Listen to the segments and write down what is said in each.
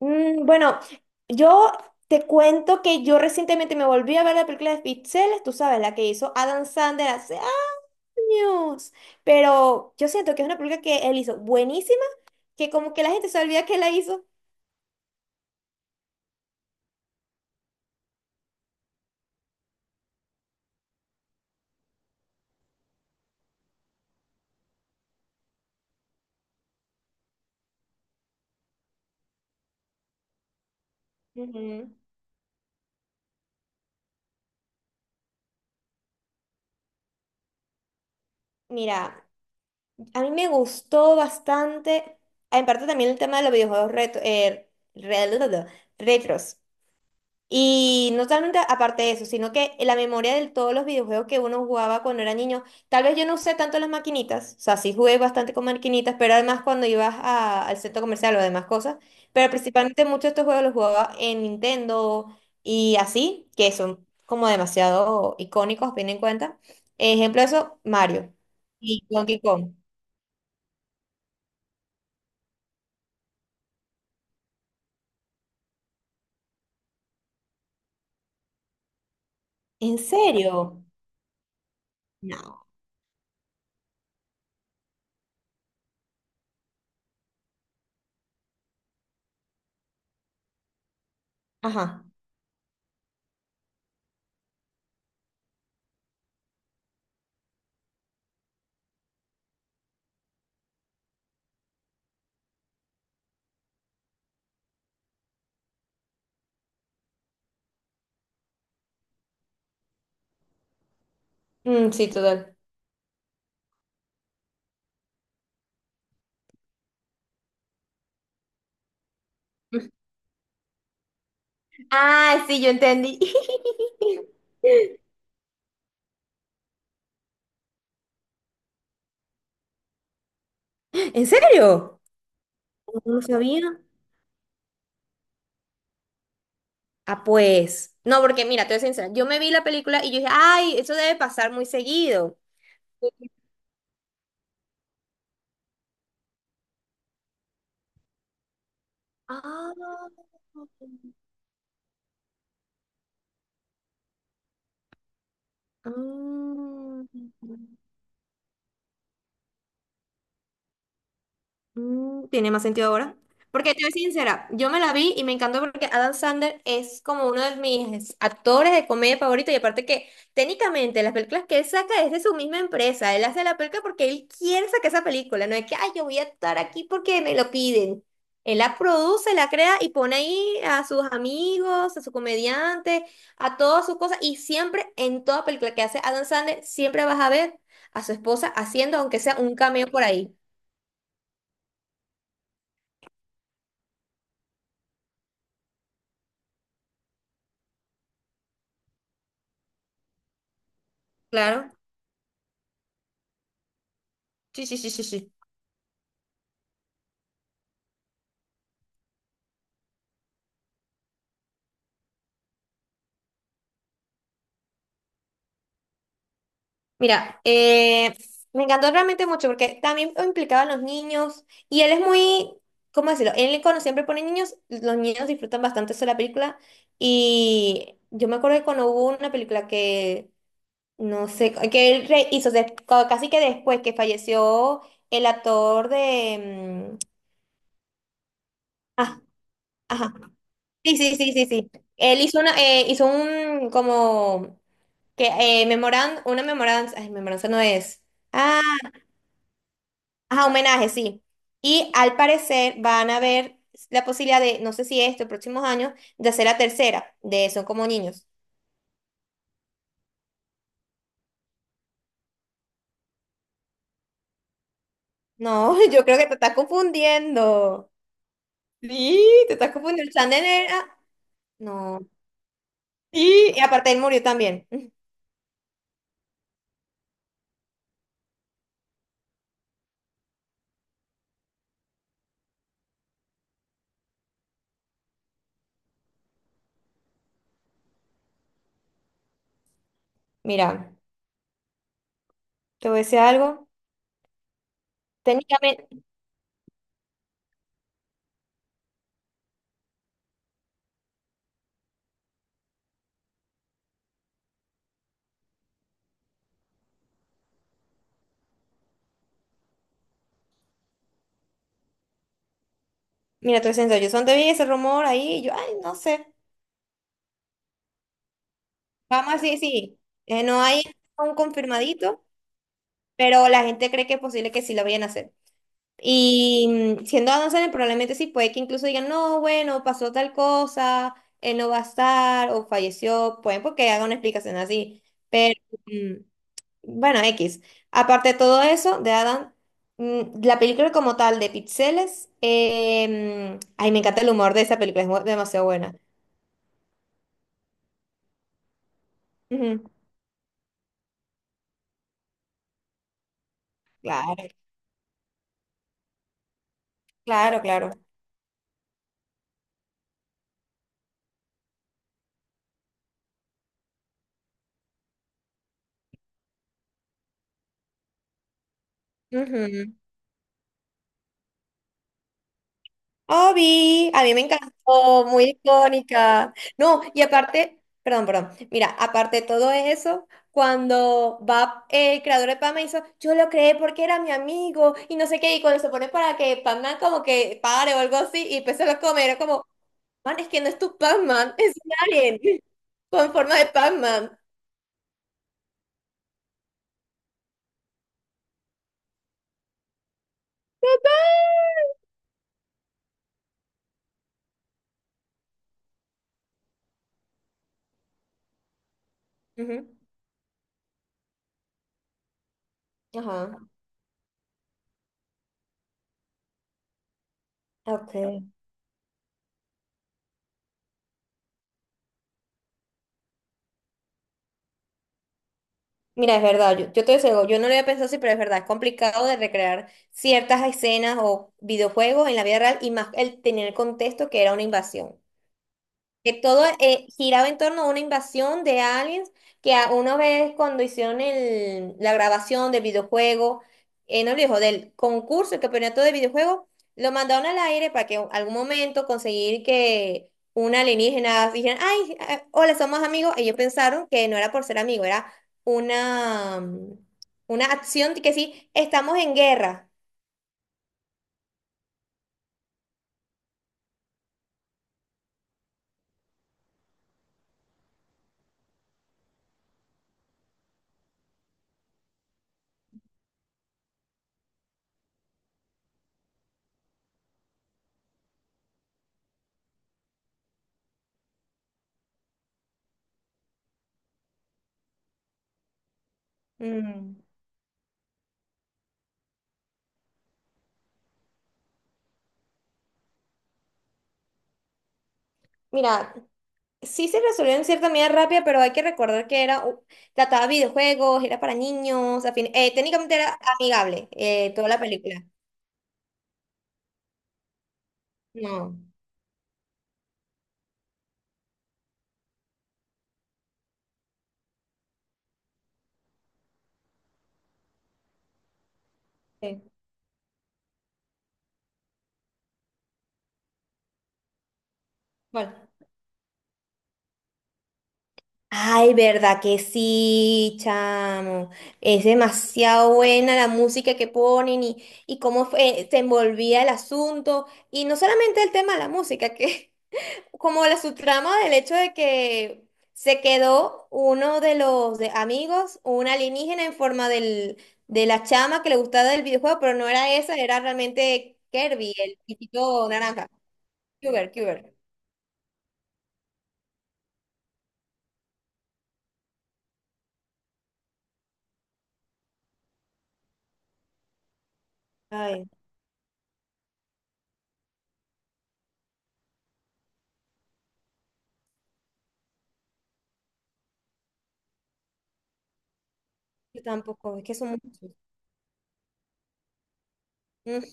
Bueno, yo te cuento que yo recientemente me volví a ver la película de Pixeles, tú sabes, la que hizo Adam Sandler hace años. Pero yo siento que es una película que él hizo buenísima, que como que la gente se olvida que la hizo. Ujú. Mira, a mí me gustó bastante, en parte también el tema de los videojuegos re- retros. Y no solamente aparte de eso, sino que la memoria de todos los videojuegos que uno jugaba cuando era niño, tal vez yo no usé tanto las maquinitas, o sea, sí jugué bastante con maquinitas, pero además cuando al centro comercial o demás cosas, pero principalmente muchos de estos juegos los jugaba en Nintendo y así, que son como demasiado icónicos, bien en cuenta. Ejemplo de eso, Mario y Donkey Kong. ¿En serio? No. Ajá. Mm, sí, total. Ah, sí, yo entendí. ¿En serio? No sabía. Ah, pues. No, porque mira, te voy a ser sincera. Yo me vi la película y yo dije, ay, eso debe pasar muy seguido. Ah. Ah. Mm, tiene más sentido ahora. Porque te voy a ser sincera, yo me la vi y me encantó porque Adam Sandler es como uno de mis actores de comedia favoritos y aparte que técnicamente las películas que él saca es de su misma empresa, él hace la película porque él quiere sacar esa película, no es que, ay, yo voy a estar aquí porque me lo piden. Él la produce, la crea y pone ahí a sus amigos, a sus comediantes, a todas sus cosas y siempre en toda película que hace Adam Sandler, siempre vas a ver a su esposa haciendo, aunque sea un cameo por ahí. Claro. Sí, sí, sí, sí, sí. Mira, me encantó realmente mucho porque también implicaba a los niños y él es muy, ¿cómo decirlo? Él cuando siempre pone niños, los niños disfrutan bastante eso de la película y yo me acuerdo que cuando hubo una película que, no sé, que hizo casi que después que falleció el actor de... mm, ah, ajá. Sí, sí, sí, sí, sí. Él hizo una, hizo un como que una memoranza, ay, memoranza no es. Ah, ajá, homenaje, sí. Y al parecer van a haber la posibilidad de, no sé si esto, próximos años, de hacer la tercera, de Son como niños. No, yo creo que te estás confundiendo. Sí, te estás El confundiendo. No. Sí. Y aparte él murió también. Mira, te voy a decir algo. Técnicamente, mira, te yo yo solo vi ese rumor ahí, y yo, ay, no sé. Vamos así, sí. No hay un confirmadito, pero la gente cree que es posible que sí lo vayan a hacer. Y siendo Adam Sandler, probablemente sí, puede que incluso digan, no, bueno, pasó tal cosa, él no va a estar, o falleció, pueden porque haga una explicación así. Pero, mm, bueno, X. Aparte de todo eso, de Adam, la película como tal de Pixeles, ay, me encanta el humor de esa película, demasiado buena. Ujú, claro, claro, claro. Obi, a mí me encantó, muy icónica. No, y aparte, perdón, perdón. Mira, aparte de todo eso, cuando va el creador de Pam hizo, yo lo creé porque era mi amigo y no sé qué, y cuando se pone para que Pac-Man como que pare o algo así y pues se lo come, era como, man, es que no es tu Pac-Man, es un alien con forma de Pac-Man. Ujú. Ajá. Ok. Mira, es verdad, yo te digo, yo no lo había pensado así, pero es verdad, es complicado de recrear ciertas escenas o videojuegos en la vida real y más el tener el contexto que era una invasión. Que todo giraba en torno a una invasión de aliens que a una vez cuando la grabación del videojuego, no dijo, del concurso, el campeonato de videojuego, lo mandaron al aire para que en algún momento conseguir que un alienígena dijeran, ay, hola, somos amigos. Ellos pensaron que no era por ser amigo, era una, una acción de que sí, estamos en guerra. Mm. Mira, sí se resolvió en cierta medida rápida, pero hay que recordar que era, trataba videojuegos, era para niños, técnicamente era amigable toda la película. No. Sí. Bueno. Ay, verdad que sí, chamo. Es demasiado buena la música que ponen y se envolvía el asunto. Y no solamente el tema de la música, que como la subtrama del hecho de que se quedó uno de los amigos, un alienígena en forma del, de la chama que le gustaba del videojuego, pero no era esa, era realmente Kirby, el chiquito naranja. Cuber, Cuber. Ay, yo tampoco, es que son muchos. Mm.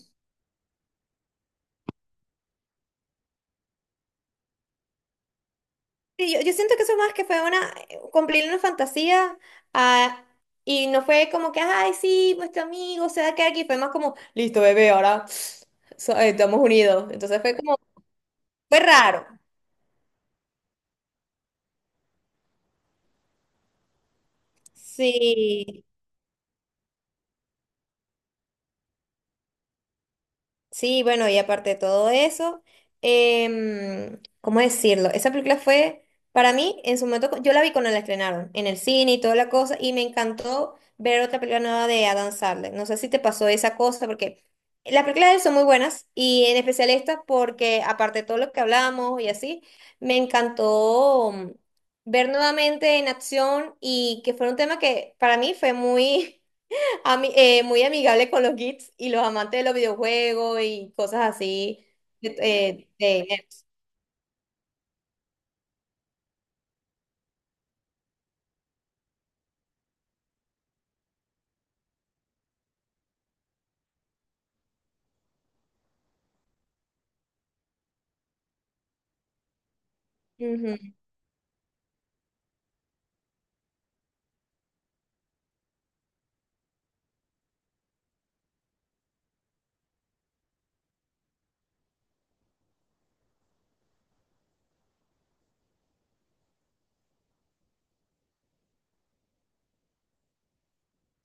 Sí, yo siento que eso más que fue una, cumplir una fantasía, ah, y no fue como que, ay, sí, nuestro amigo se va a quedar aquí", fue más como, listo, bebé, ahora estamos unidos. Entonces fue como, fue raro. Sí, sí, bueno, y aparte de todo eso, ¿cómo decirlo? Esa película fue, para mí, en su momento, yo la vi cuando la estrenaron, en el cine y toda la cosa, y me encantó ver otra película nueva de Adam Sandler. No sé si te pasó esa cosa, porque las películas de él son muy buenas, y en especial esta, porque aparte de todo lo que hablamos y así, me encantó ver nuevamente en acción, y que fue un tema que para mí fue muy... muy amigable con los geeks y los amantes de los videojuegos y cosas así. de- eh, de- Ujú,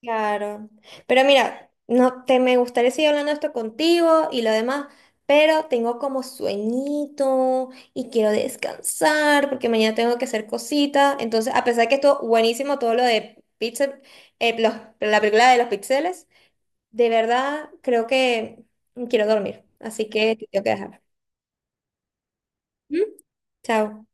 claro. Pero mira, no te me gustaría seguir hablando esto contigo y lo demás, pero tengo como sueñito y quiero descansar porque mañana tengo que hacer cositas. Entonces, a pesar que estuvo buenísimo todo lo de Pixel, eh, los- la película de los pixeles, de verdad creo que quiero dormir. Así que te tengo que dejar. ¿Mm? Chao.